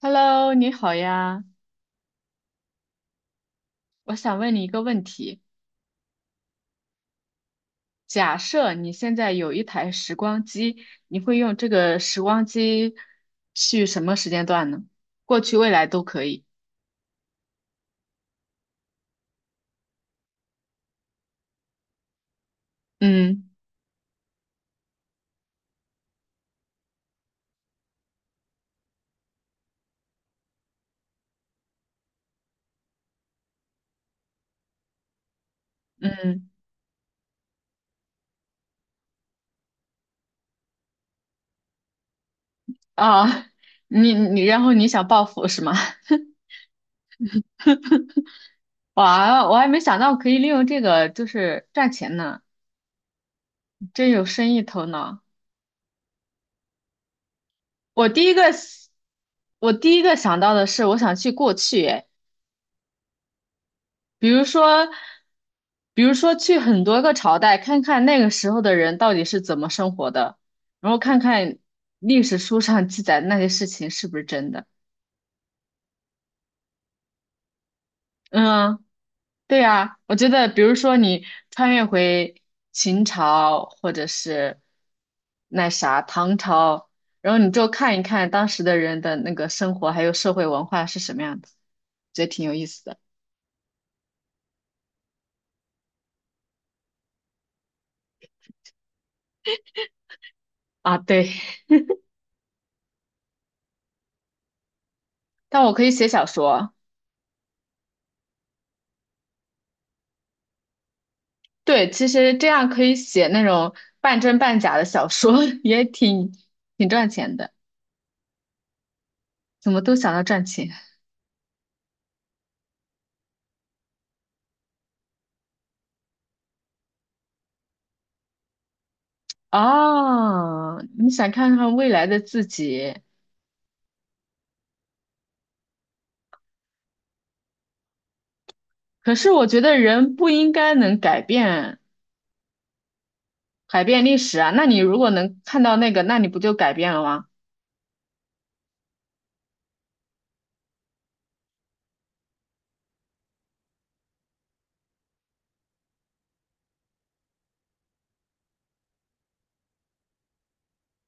Hello，你好呀，我想问你一个问题：假设你现在有一台时光机，你会用这个时光机去什么时间段呢？过去、未来都可以。嗯嗯啊，然后你想报复是吗？哇，我还没想到可以利用这个就是赚钱呢，真有生意头脑。我第一个，我第一个想到的是我想去过去。哎，比如说，比如说去很多个朝代，看看那个时候的人到底是怎么生活的，然后看看历史书上记载的那些事情是不是真的。嗯，对呀，我觉得，比如说你穿越回秦朝，或者是那啥唐朝，然后你就看一看当时的人的那个生活还有社会文化是什么样的，觉得挺有意思的啊。对，但我可以写小说。对，其实这样可以写那种半真半假的小说，也挺赚钱的。怎么都想到赚钱。哦？你想看看未来的自己。可是我觉得人不应该能改变历史啊。那你如果能看到那个，那你不就改变了吗？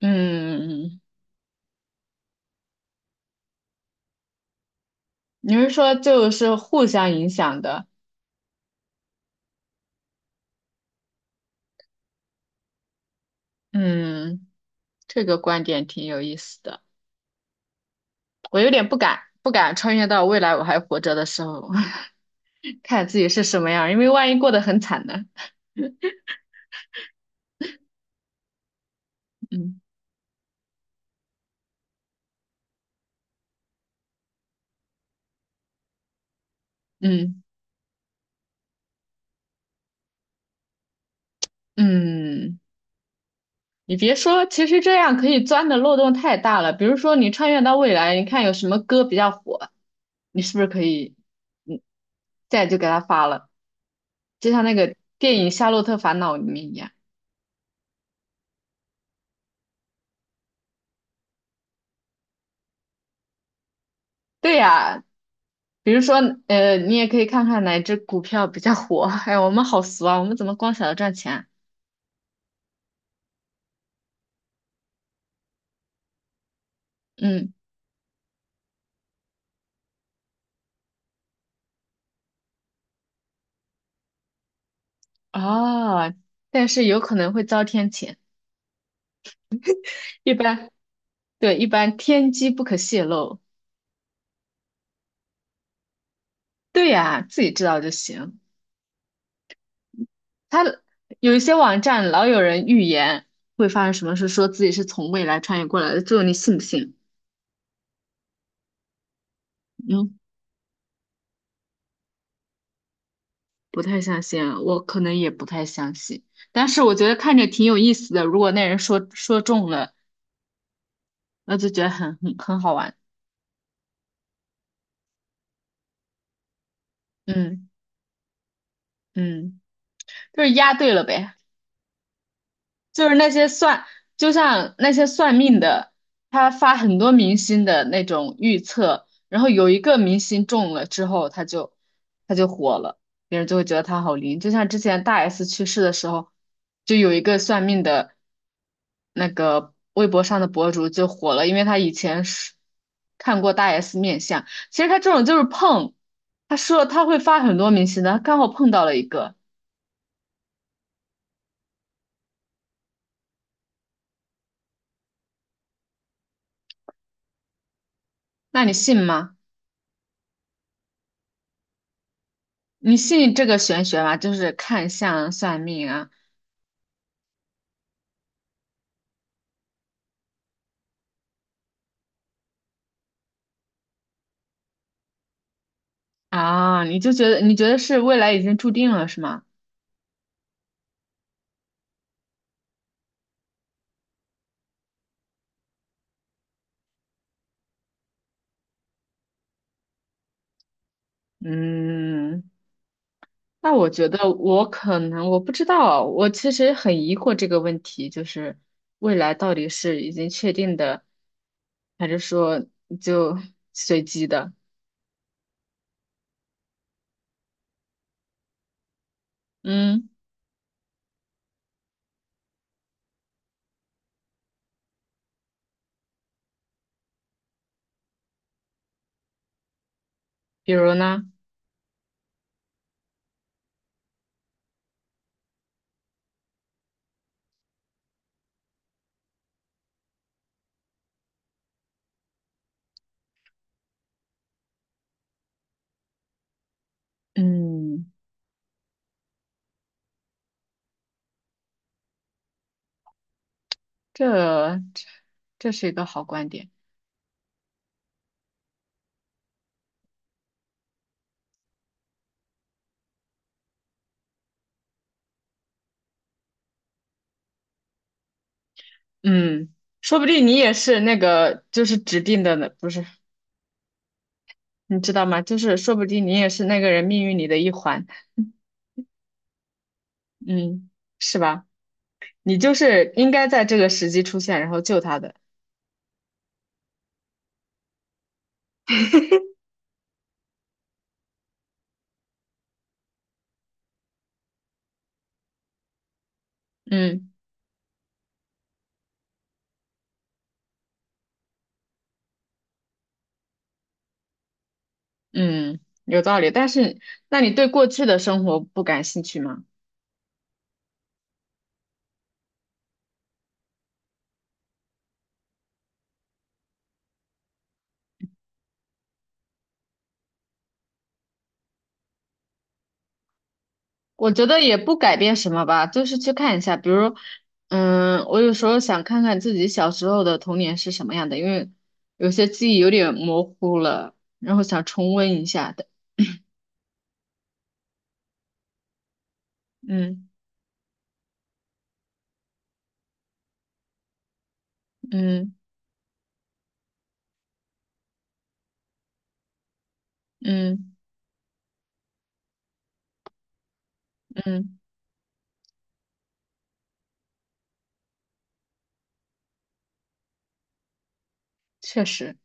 嗯，你是说就是互相影响的？嗯，这个观点挺有意思的。我有点不敢穿越到未来我还活着的时候。看自己是什么样儿，因为万一过得很惨呢。嗯嗯嗯。你别说，其实这样可以钻的漏洞太大了。比如说，你穿越到未来，你看有什么歌比较火，你是不是可以嗯再就给他发了？就像那个电影《夏洛特烦恼》里面一样。对呀，比如说你也可以看看哪只股票比较火。哎，我们好俗啊，我们怎么光想着赚钱啊。嗯，哦，但是有可能会遭天谴，一般。对，一般天机不可泄露。对呀，自己知道就行。他有一些网站老有人预言会发生什么事，说自己是从未来穿越过来的，最后你信不信？嗯，不太相信啊，我可能也不太相信。但是我觉得看着挺有意思的，如果那人说中了，那就觉得很好玩。嗯嗯，就是押对了呗。就是那些算，就像那些算命的，他发很多明星的那种预测，然后有一个明星中了之后，他就火了，别人就会觉得他好灵。就像之前大 S 去世的时候，就有一个算命的那个微博上的博主就火了，因为他以前是看过大 S 面相。其实他这种就是碰，他说他会发很多明星的，他刚好碰到了一个，那你信吗？你信这个玄学吗？就是看相、算命啊。啊！你就觉得你觉得是未来已经注定了是吗？嗯，那我觉得我可能我不知道，我其实很疑惑这个问题，就是未来到底是已经确定的，还是说就 随机的？嗯，比如呢？嗯，这这是一个好观点。嗯，说不定你也是那个就是指定的呢，不是。你知道吗？就是说不定你也是那个人命运里的一环，嗯，是吧？你就是应该在这个时机出现，然后救他的。嗯嗯，有道理。但是，那你对过去的生活不感兴趣吗？我觉得也不改变什么吧，就是去看一下，比如，嗯，我有时候想看看自己小时候的童年是什么样的，因为有些记忆有点模糊了，然后想重温一下的。嗯嗯嗯嗯，确实。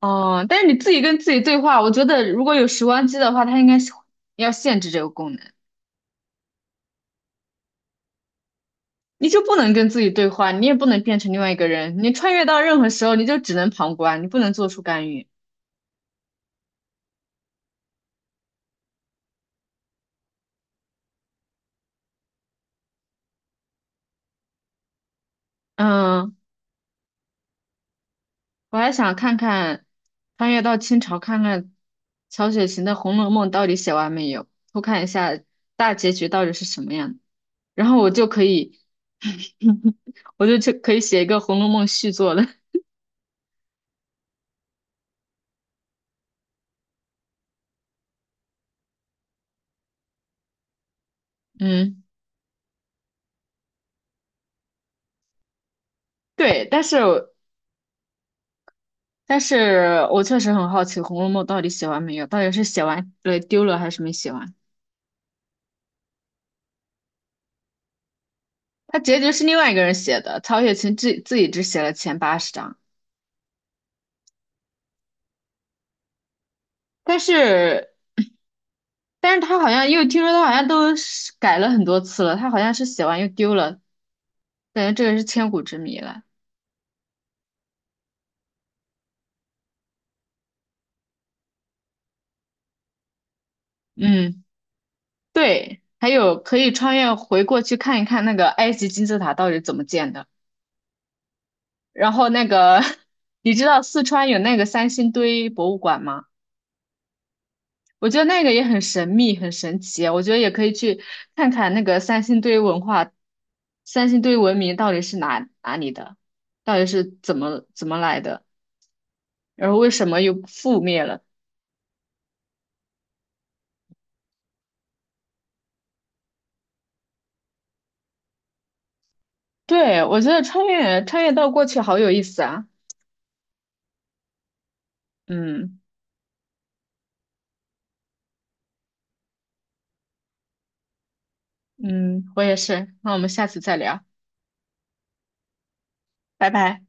哦，但是你自己跟自己对话，我觉得如果有时光机的话，它应该是要限制这个功能，你就不能跟自己对话，你也不能变成另外一个人，你穿越到任何时候，你就只能旁观，你不能做出干预。嗯，我还想看看穿越到清朝，看看曹雪芹的《红楼梦》到底写完没有，偷看一下大结局到底是什么样的，然后我就可以，我就去可以写一个《红楼梦》续作了。嗯，对，但是。但是我确实很好奇《红楼梦》到底写完没有，到底是写完了丢了还是没写完？它结局是另外一个人写的，曹雪芹自己只写了前80章。但是但是他好像又听说他好像都是改了很多次了，他好像是写完又丢了，感觉这个是千古之谜了。嗯，对，还有可以穿越回过去看一看那个埃及金字塔到底怎么建的，然后那个 你知道四川有那个三星堆博物馆吗？我觉得那个也很神秘，很神奇啊。我觉得也可以去看看那个三星堆文化，三星堆文明到底是哪里的，到底是怎么来的，然后为什么又覆灭了？对，我觉得穿越到过去好有意思啊。嗯嗯，我也是。那我们下次再聊，拜拜。